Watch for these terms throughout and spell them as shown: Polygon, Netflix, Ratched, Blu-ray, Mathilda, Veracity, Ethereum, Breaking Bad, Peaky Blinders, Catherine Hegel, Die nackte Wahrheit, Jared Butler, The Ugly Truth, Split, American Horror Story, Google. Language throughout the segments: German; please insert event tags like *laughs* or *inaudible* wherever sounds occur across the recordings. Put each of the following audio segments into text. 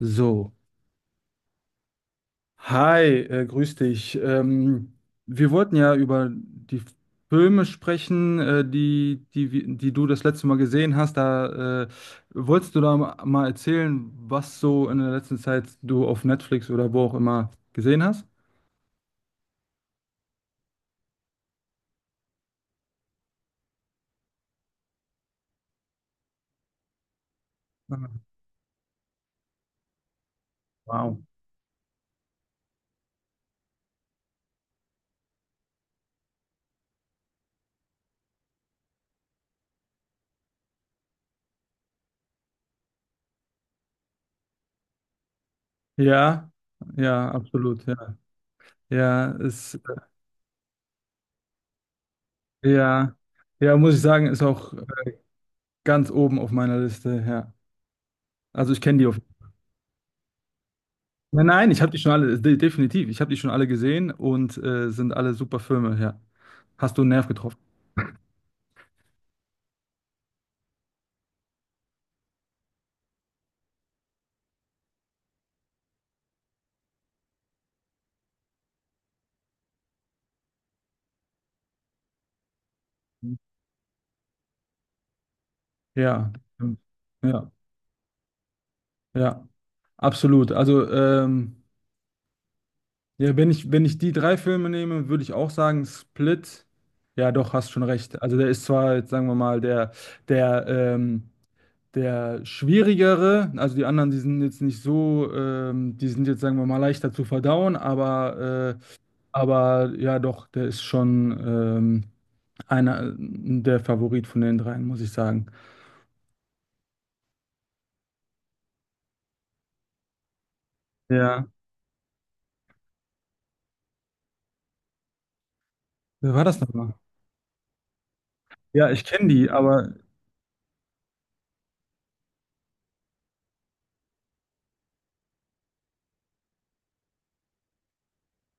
So, hi, grüß dich. Wir wollten ja über die Filme sprechen, die du das letzte Mal gesehen hast. Da wolltest du da mal erzählen, was so in der letzten Zeit du auf Netflix oder wo auch immer gesehen hast? Ah, wow. Ja, ja, absolut, ja. Ja, ist, ja, ja, muss ich sagen, ist auch ganz oben auf meiner Liste, ja. Also ich kenne die auf. Nein, nein, ich habe die schon alle, definitiv, ich habe die schon alle gesehen und sind alle super Filme, ja. Hast du einen Nerv getroffen? Ja, ja, ja, absolut. Also, ja, wenn ich die drei Filme nehme, würde ich auch sagen, Split, ja, doch, hast schon recht. Also, der ist zwar, jetzt sagen wir mal, der, ähm, der schwierigere, also die anderen, die sind jetzt nicht so, die sind jetzt, sagen wir mal, leichter zu verdauen, aber aber ja, doch, der ist schon einer der Favorit von den dreien, muss ich sagen. Ja, wer war das nochmal? Ja, ich kenne die, aber.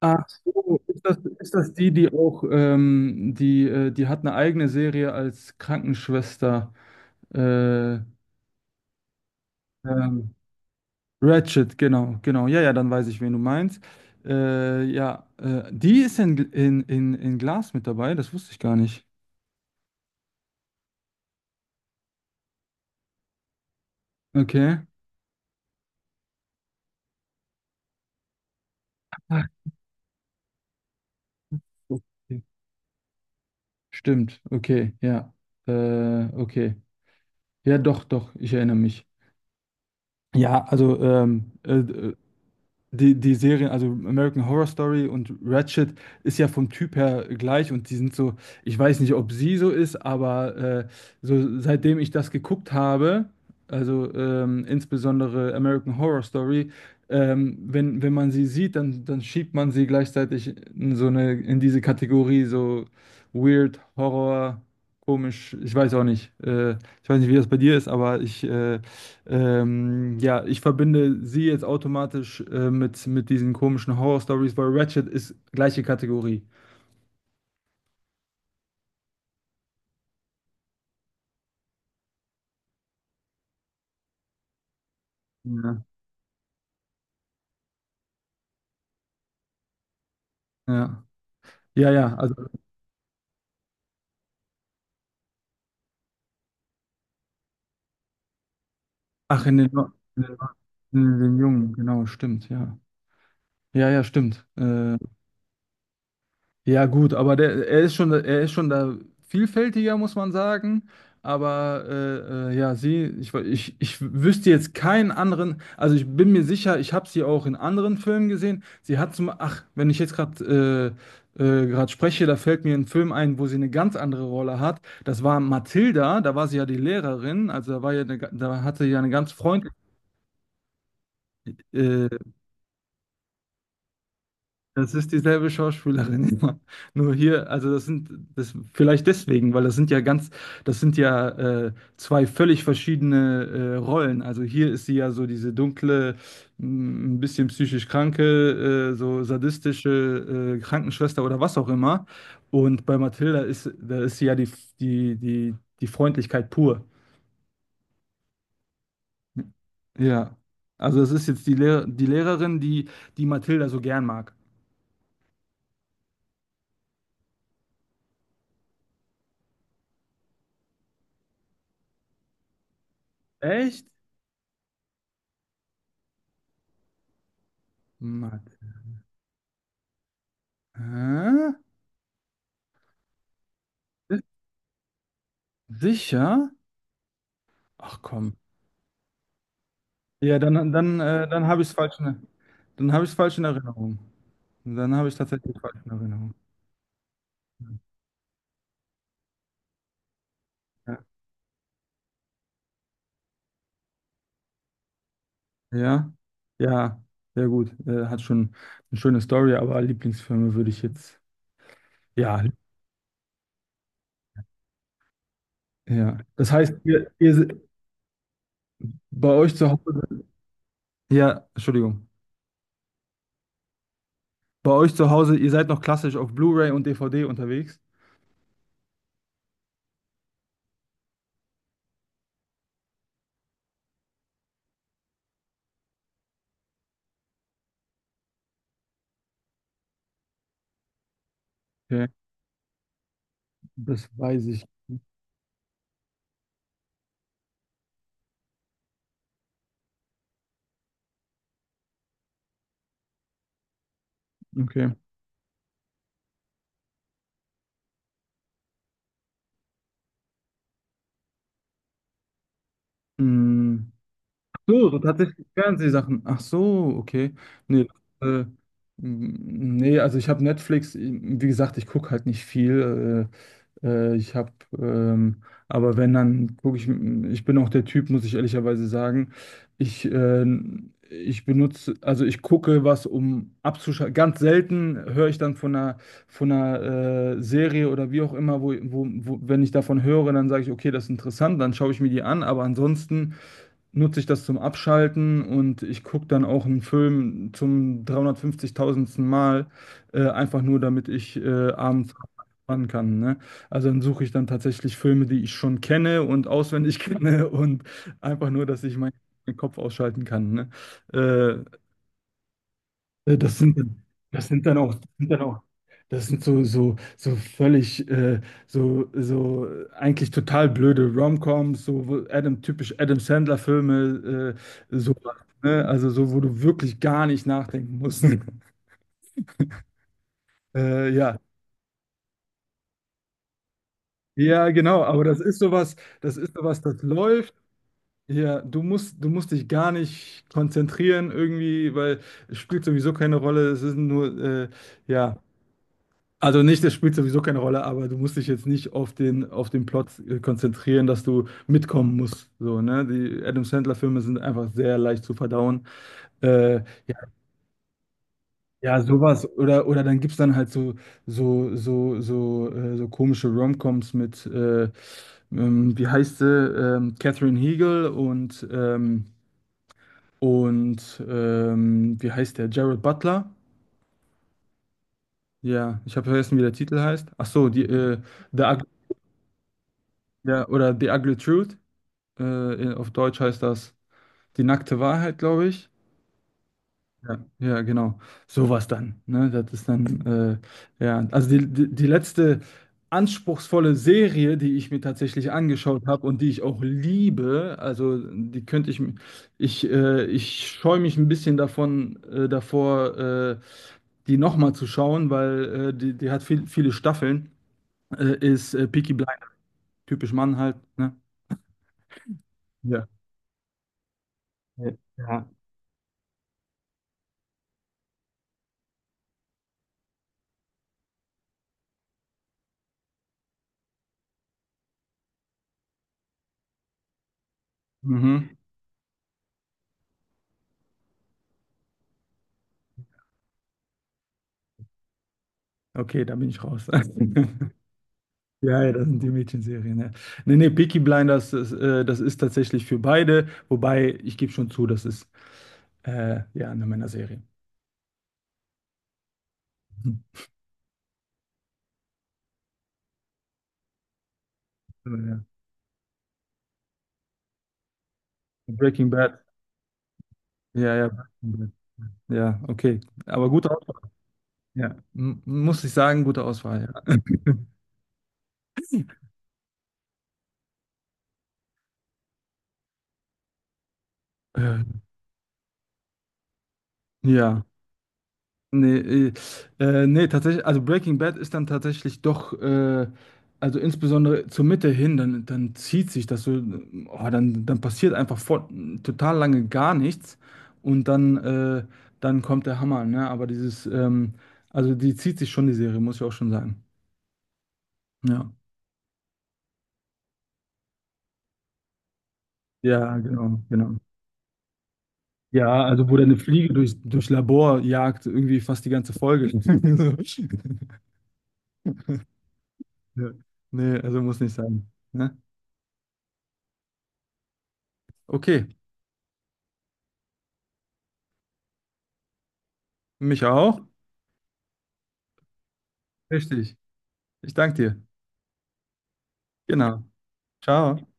Ach so, ist das die, die auch, die, die hat eine eigene Serie als Krankenschwester. Äh, ähm, Ratched, genau, genau. Ja, ja, dann weiß ich, wen du meinst. Ja, die ist in, in Glas mit dabei, das wusste ich gar nicht. Okay. Ach, so. Stimmt, okay, ja. Okay. Ja, doch, doch, ich erinnere mich. Ja, die, die Serien, also American Horror Story und Ratched, ist ja vom Typ her gleich und die sind so, ich weiß nicht, ob sie so ist, aber so seitdem ich das geguckt habe, insbesondere American Horror Story, wenn, wenn man sie sieht, dann, dann schiebt man sie gleichzeitig in so eine, in diese Kategorie, so weird, Horror, komisch, ich weiß auch nicht. Ich weiß nicht, wie das bei dir ist, aber ich ja, ich verbinde sie jetzt automatisch mit diesen komischen Horror-Stories, weil Ratched ist gleiche Kategorie. Ja, ja, ja, ja, also, ach, in den, in den Jungen, genau, stimmt, ja. Ja, ja, stimmt. Ja, gut, aber der, er ist schon da vielfältiger, muss man sagen. Aber ja, sie, ich wüsste jetzt keinen anderen, also ich bin mir sicher, ich habe sie auch in anderen Filmen gesehen. Sie hat zum, ach, wenn ich jetzt gerade gerade spreche, da fällt mir ein Film ein, wo sie eine ganz andere Rolle hat. Das war Mathilda, da war sie ja die Lehrerin, also da war ja eine, da hatte sie ja eine ganz freundliche äh, das ist dieselbe Schauspielerin, *laughs* ja. Nur hier, also das sind das vielleicht deswegen, weil das sind ja ganz, das sind ja zwei völlig verschiedene Rollen. Also hier ist sie ja so diese dunkle, ein bisschen psychisch kranke, so sadistische Krankenschwester oder was auch immer. Und bei Mathilda ist, da ist sie ja die, die, die, die Freundlichkeit pur. Ja. Also das ist jetzt die Lehrerin, die, die Mathilda so gern mag. Echt? Matt. Hä? Sicher? Ach komm. Ja, dann habe ich es falsch in, dann habe ich falsch in Erinnerung. Dann habe ich tatsächlich falsch in Erinnerung. Ja. Ja, ja, ja gut. Hat schon eine schöne Story, aber Lieblingsfilme würde ich jetzt. Ja, ja. Das heißt, bei euch zu Hause. Ja, Entschuldigung. Bei euch zu Hause, ihr seid noch klassisch auf Blu-ray und DVD unterwegs. Okay. Das weiß ich. Okay. Mm. So, so tatsächlich Fernsehsachen. Ach so, okay. Nee, äh, nee, also ich habe Netflix, wie gesagt, ich gucke halt nicht viel. Ich habe, aber wenn, dann gucke ich, ich bin auch der Typ, muss ich ehrlicherweise sagen. Ich, ich benutze, also ich gucke was, um abzuschalten. Ganz selten höre ich dann von einer Serie oder wie auch immer, wenn ich davon höre, dann sage ich, okay, das ist interessant, dann schaue ich mir die an, aber ansonsten nutze ich das zum Abschalten und ich gucke dann auch einen Film zum 350.000. Mal, einfach nur, damit ich abends entspannen kann. Ne? Also dann suche ich dann tatsächlich Filme, die ich schon kenne und auswendig *laughs* kenne und einfach nur, dass ich meinen Kopf ausschalten kann. Ne? Äh, das sind dann, das sind dann auch, das sind so völlig, eigentlich total blöde Romcoms, so wo Adam, typisch Adam Sandler-Filme, so, ne? Also so, wo du wirklich gar nicht nachdenken musst. *laughs* Ja. Ja, genau, aber das ist sowas, das ist sowas, das läuft. Ja, du musst dich gar nicht konzentrieren irgendwie, weil es spielt sowieso keine Rolle. Es ist nur, ja. Also nicht, das spielt sowieso keine Rolle, aber du musst dich jetzt nicht auf den, auf den Plot konzentrieren, dass du mitkommen musst. So, ne? Die Adam Sandler-Filme sind einfach sehr leicht zu verdauen. Äh, ja, ja, sowas. Oder dann gibt es dann halt so, so komische Romcoms mit, wie heißt sie? Catherine Hegel und wie heißt der? Jared Butler. Ja, ich habe vergessen, wie der Titel heißt. Ach so, die, The Ugly, ja, oder The Ugly Truth. Auf Deutsch heißt das Die nackte Wahrheit, glaube ich. Ja, ja, genau. Sowas dann. Ne? Das ist dann, ja, also die letzte anspruchsvolle Serie, die ich mir tatsächlich angeschaut habe und die ich auch liebe, also die könnte ich, ich scheue mich ein bisschen davon, davor, die nochmal zu schauen, weil die, die hat viel, viele Staffeln, ist Peaky Blind, typisch Mann halt, ne? Ja. Ja. Mhm. Okay, da bin ich raus. *laughs* Ja, ja, das sind die Mädchenserien. Ja. Nee, nee, Peaky Blinders, das, das ist tatsächlich für beide, wobei ich gebe schon zu, das ist ja eine Männerserie. Hm. Ja. ja. Breaking Bad. Ja, ja, Breaking Bad. Ja, okay. Aber gute Auswahl. Ja, M muss ich sagen, gute Auswahl. Ja. *laughs* Äh, ja. Nee, äh, nee, tatsächlich, also Breaking Bad ist dann tatsächlich doch, also insbesondere zur Mitte hin, dann, dann zieht sich das so, oh, dann, dann passiert einfach vor, total lange gar nichts und dann, dann kommt der Hammer, ne? Aber dieses, also die zieht sich schon, die Serie, muss ich auch schon sagen. Ja. Ja, genau, genau. Ja, also wo der eine Fliege durch Labor jagt, irgendwie fast die ganze Folge. *laughs* So. Ja. Nee, also muss nicht sein. Ne? Okay, mich auch. Richtig. Ich danke dir. Genau. Ciao.